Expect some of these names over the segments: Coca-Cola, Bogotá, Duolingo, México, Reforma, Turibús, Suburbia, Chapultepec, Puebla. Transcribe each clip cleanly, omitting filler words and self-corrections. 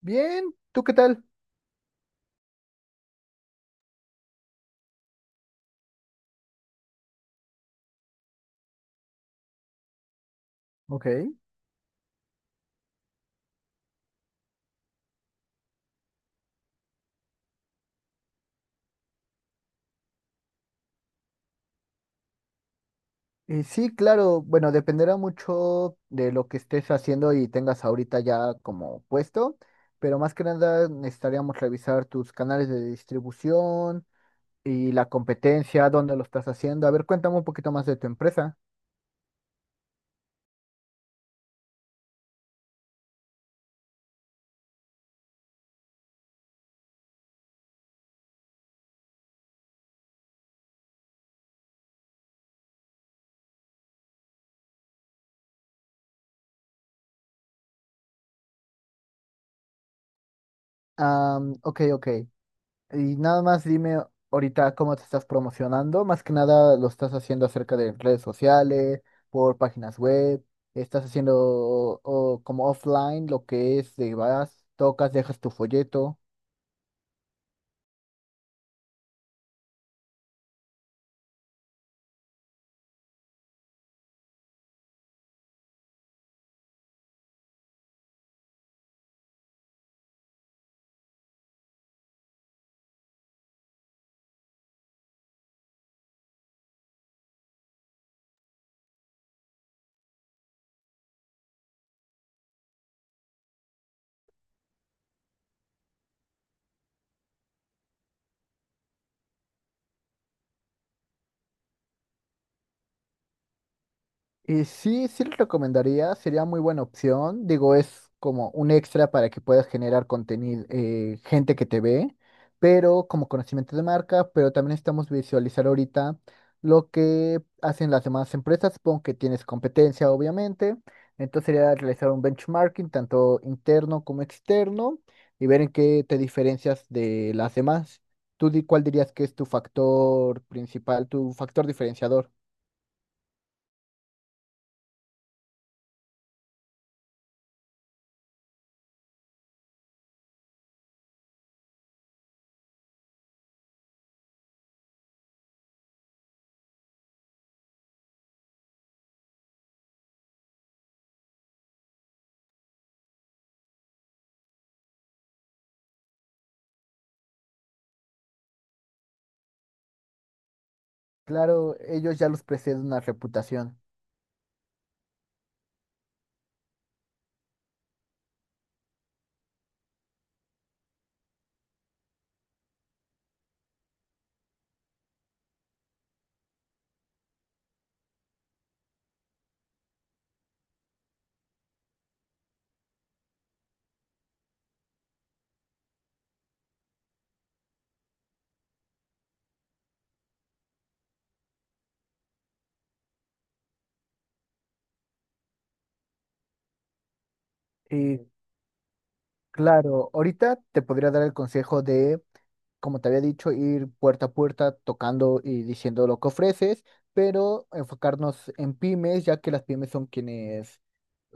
Bien, ¿tú qué tal? Ok. Y sí, claro, bueno, dependerá mucho de lo que estés haciendo y tengas ahorita ya como puesto, pero más que nada necesitaríamos revisar tus canales de distribución y la competencia, dónde lo estás haciendo. A ver, cuéntame un poquito más de tu empresa. Ah, ok, ok. Y nada más dime ahorita cómo te estás promocionando. Más que nada lo estás haciendo acerca de redes sociales, por páginas web. Estás haciendo como offline lo que es, de vas, tocas, dejas tu folleto. Y sí, sí lo recomendaría, sería muy buena opción. Digo, es como un extra para que puedas generar contenido, gente que te ve, pero como conocimiento de marca, pero también necesitamos visualizar ahorita lo que hacen las demás empresas. Supongo que tienes competencia, obviamente. Entonces sería realizar un benchmarking, tanto interno como externo, y ver en qué te diferencias de las demás. Cuál dirías que es tu factor principal, tu factor diferenciador? Claro, ellos ya los precede una reputación. Y claro, ahorita te podría dar el consejo de como te había dicho, ir puerta a puerta tocando y diciendo lo que ofreces, pero enfocarnos en pymes, ya que las pymes son quienes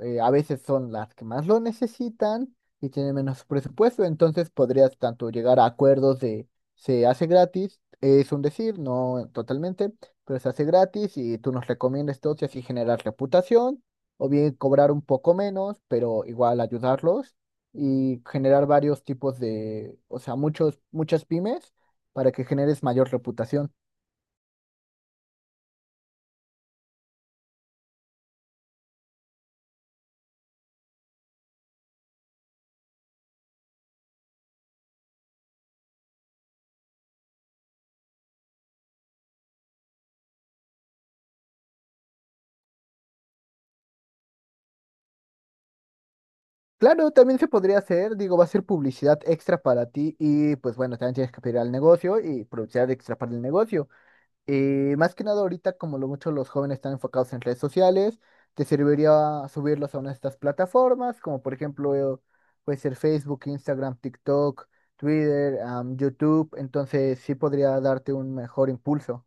a veces son las que más lo necesitan y tienen menos presupuesto, entonces podrías tanto llegar a acuerdos de se hace gratis, es un decir, no totalmente, pero se hace gratis y tú nos recomiendas todo y así generar reputación, o bien cobrar un poco menos, pero igual ayudarlos y generar varios tipos de, o sea, muchos, muchas pymes para que generes mayor reputación. Claro, también se podría hacer, digo, va a ser publicidad extra para ti y pues bueno, también tienes que pedir al negocio y publicidad extra para el negocio. Más que nada ahorita, como lo mucho los jóvenes están enfocados en redes sociales, te serviría subirlos a una de estas plataformas, como por ejemplo, puede ser Facebook, Instagram, TikTok, Twitter, YouTube, entonces sí podría darte un mejor impulso.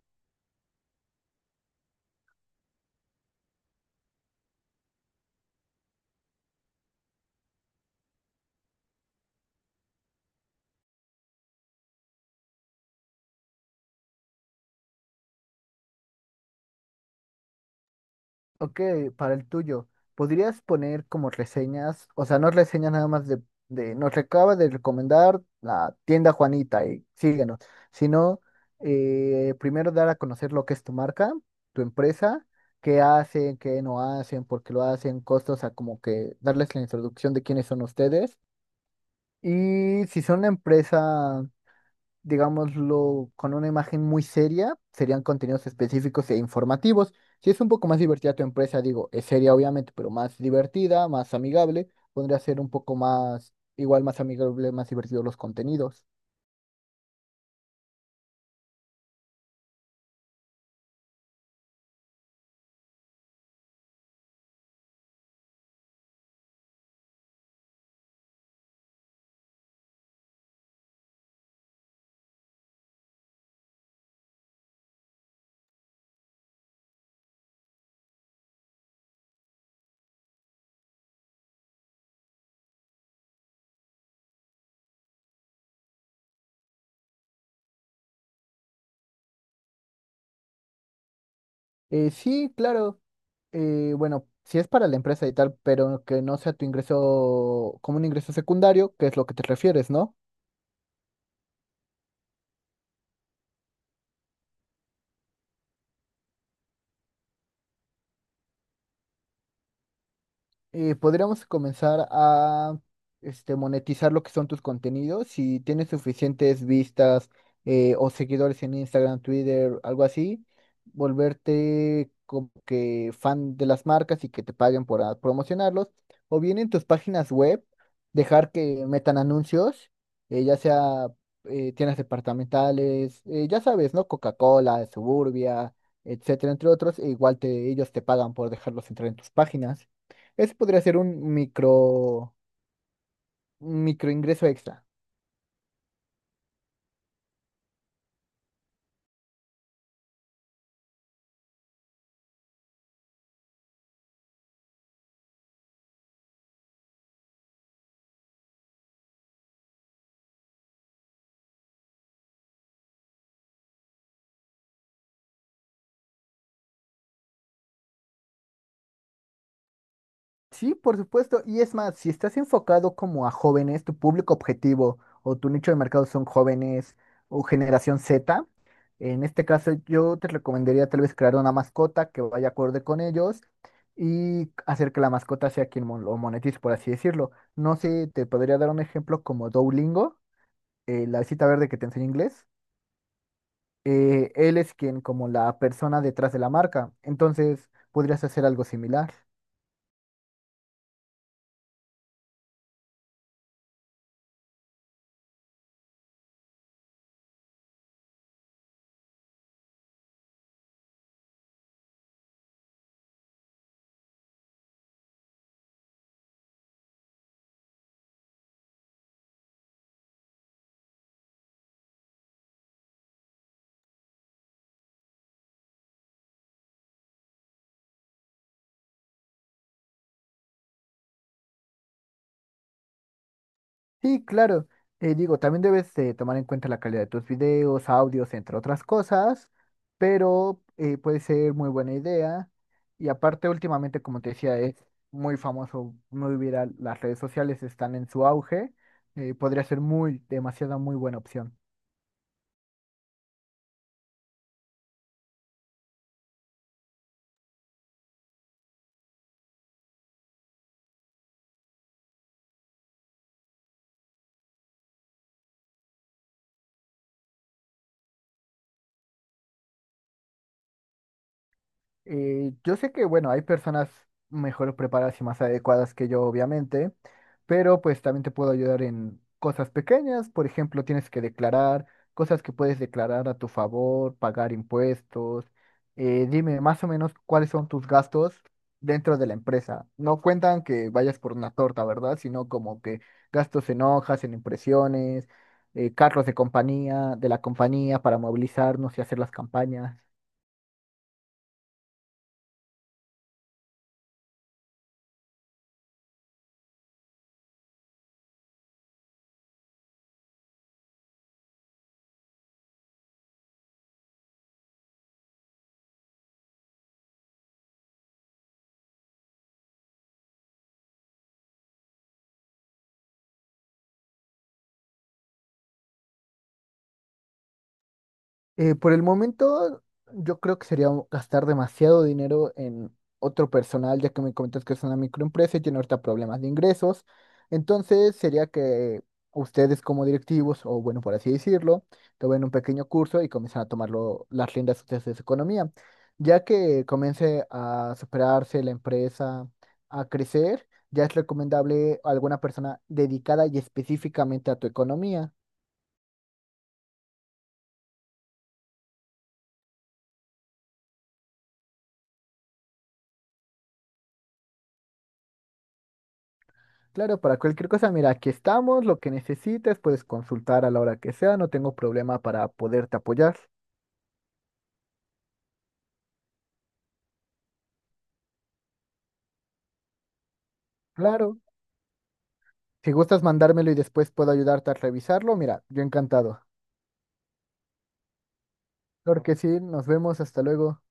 Ok, para el tuyo, ¿podrías poner como reseñas, o sea, no reseñas nada más de nos acaba de recomendar la tienda Juanita y síguenos, sino primero dar a conocer lo que es tu marca, tu empresa, qué hacen, qué no hacen, por qué lo hacen, costos, o sea, como que darles la introducción de quiénes son ustedes. Y si son una empresa digámoslo, con una imagen muy seria, serían contenidos específicos e informativos. Si es un poco más divertida tu empresa, digo, es seria obviamente, pero más divertida, más amigable, podría ser un poco más, igual más amigable, más divertido los contenidos. Sí, claro. Bueno, si es para la empresa y tal, pero que no sea tu ingreso como un ingreso secundario, que es lo que te refieres, ¿no? Podríamos comenzar a este, monetizar lo que son tus contenidos. Si tienes suficientes vistas o seguidores en Instagram, Twitter, algo así, volverte como que fan de las marcas y que te paguen por promocionarlos. O bien en tus páginas web, dejar que metan anuncios, ya sea tiendas departamentales, ya sabes, ¿no? Coca-Cola, Suburbia, etcétera, entre otros. E igual te, ellos te pagan por dejarlos entrar en tus páginas. Ese podría ser un micro ingreso extra. Sí, por supuesto. Y es más, si estás enfocado como a jóvenes, tu público objetivo o tu nicho de mercado son jóvenes o generación Z, en este caso yo te recomendaría tal vez crear una mascota que vaya acorde con ellos y hacer que la mascota sea quien lo monetice, por así decirlo. No sé, te podría dar un ejemplo como Duolingo, la visita verde que te enseña inglés. Él es quien como la persona detrás de la marca. Entonces, podrías hacer algo similar. Sí, claro. Digo, también debes tomar en cuenta la calidad de tus videos, audios, entre otras cosas, pero puede ser muy buena idea. Y aparte, últimamente, como te decía, es muy famoso, muy viral. Las redes sociales están en su auge. Podría ser muy, demasiada, muy buena opción. Yo sé que, bueno, hay personas mejor preparadas y más adecuadas que yo, obviamente, pero pues también te puedo ayudar en cosas pequeñas. Por ejemplo, tienes que declarar cosas que puedes declarar a tu favor, pagar impuestos. Dime más o menos cuáles son tus gastos dentro de la empresa. No cuentan que vayas por una torta, ¿verdad? Sino como que gastos en hojas, en impresiones, carros de compañía, de la compañía para movilizarnos y hacer las campañas. Por el momento, yo creo que sería gastar demasiado dinero en otro personal, ya que me comentas que es una microempresa y tiene ahorita problemas de ingresos. Entonces, sería que ustedes como directivos, o bueno, por así decirlo, tomen un pequeño curso y comiencen a tomar las riendas ustedes de su economía, ya que comience a superarse la empresa, a crecer. Ya es recomendable alguna persona dedicada y específicamente a tu economía. Claro, para cualquier cosa, mira, aquí estamos, lo que necesites, puedes consultar a la hora que sea, no tengo problema para poderte apoyar. Claro, si gustas mandármelo y después puedo ayudarte a revisarlo, mira, yo encantado. Claro que sí, nos vemos, hasta luego.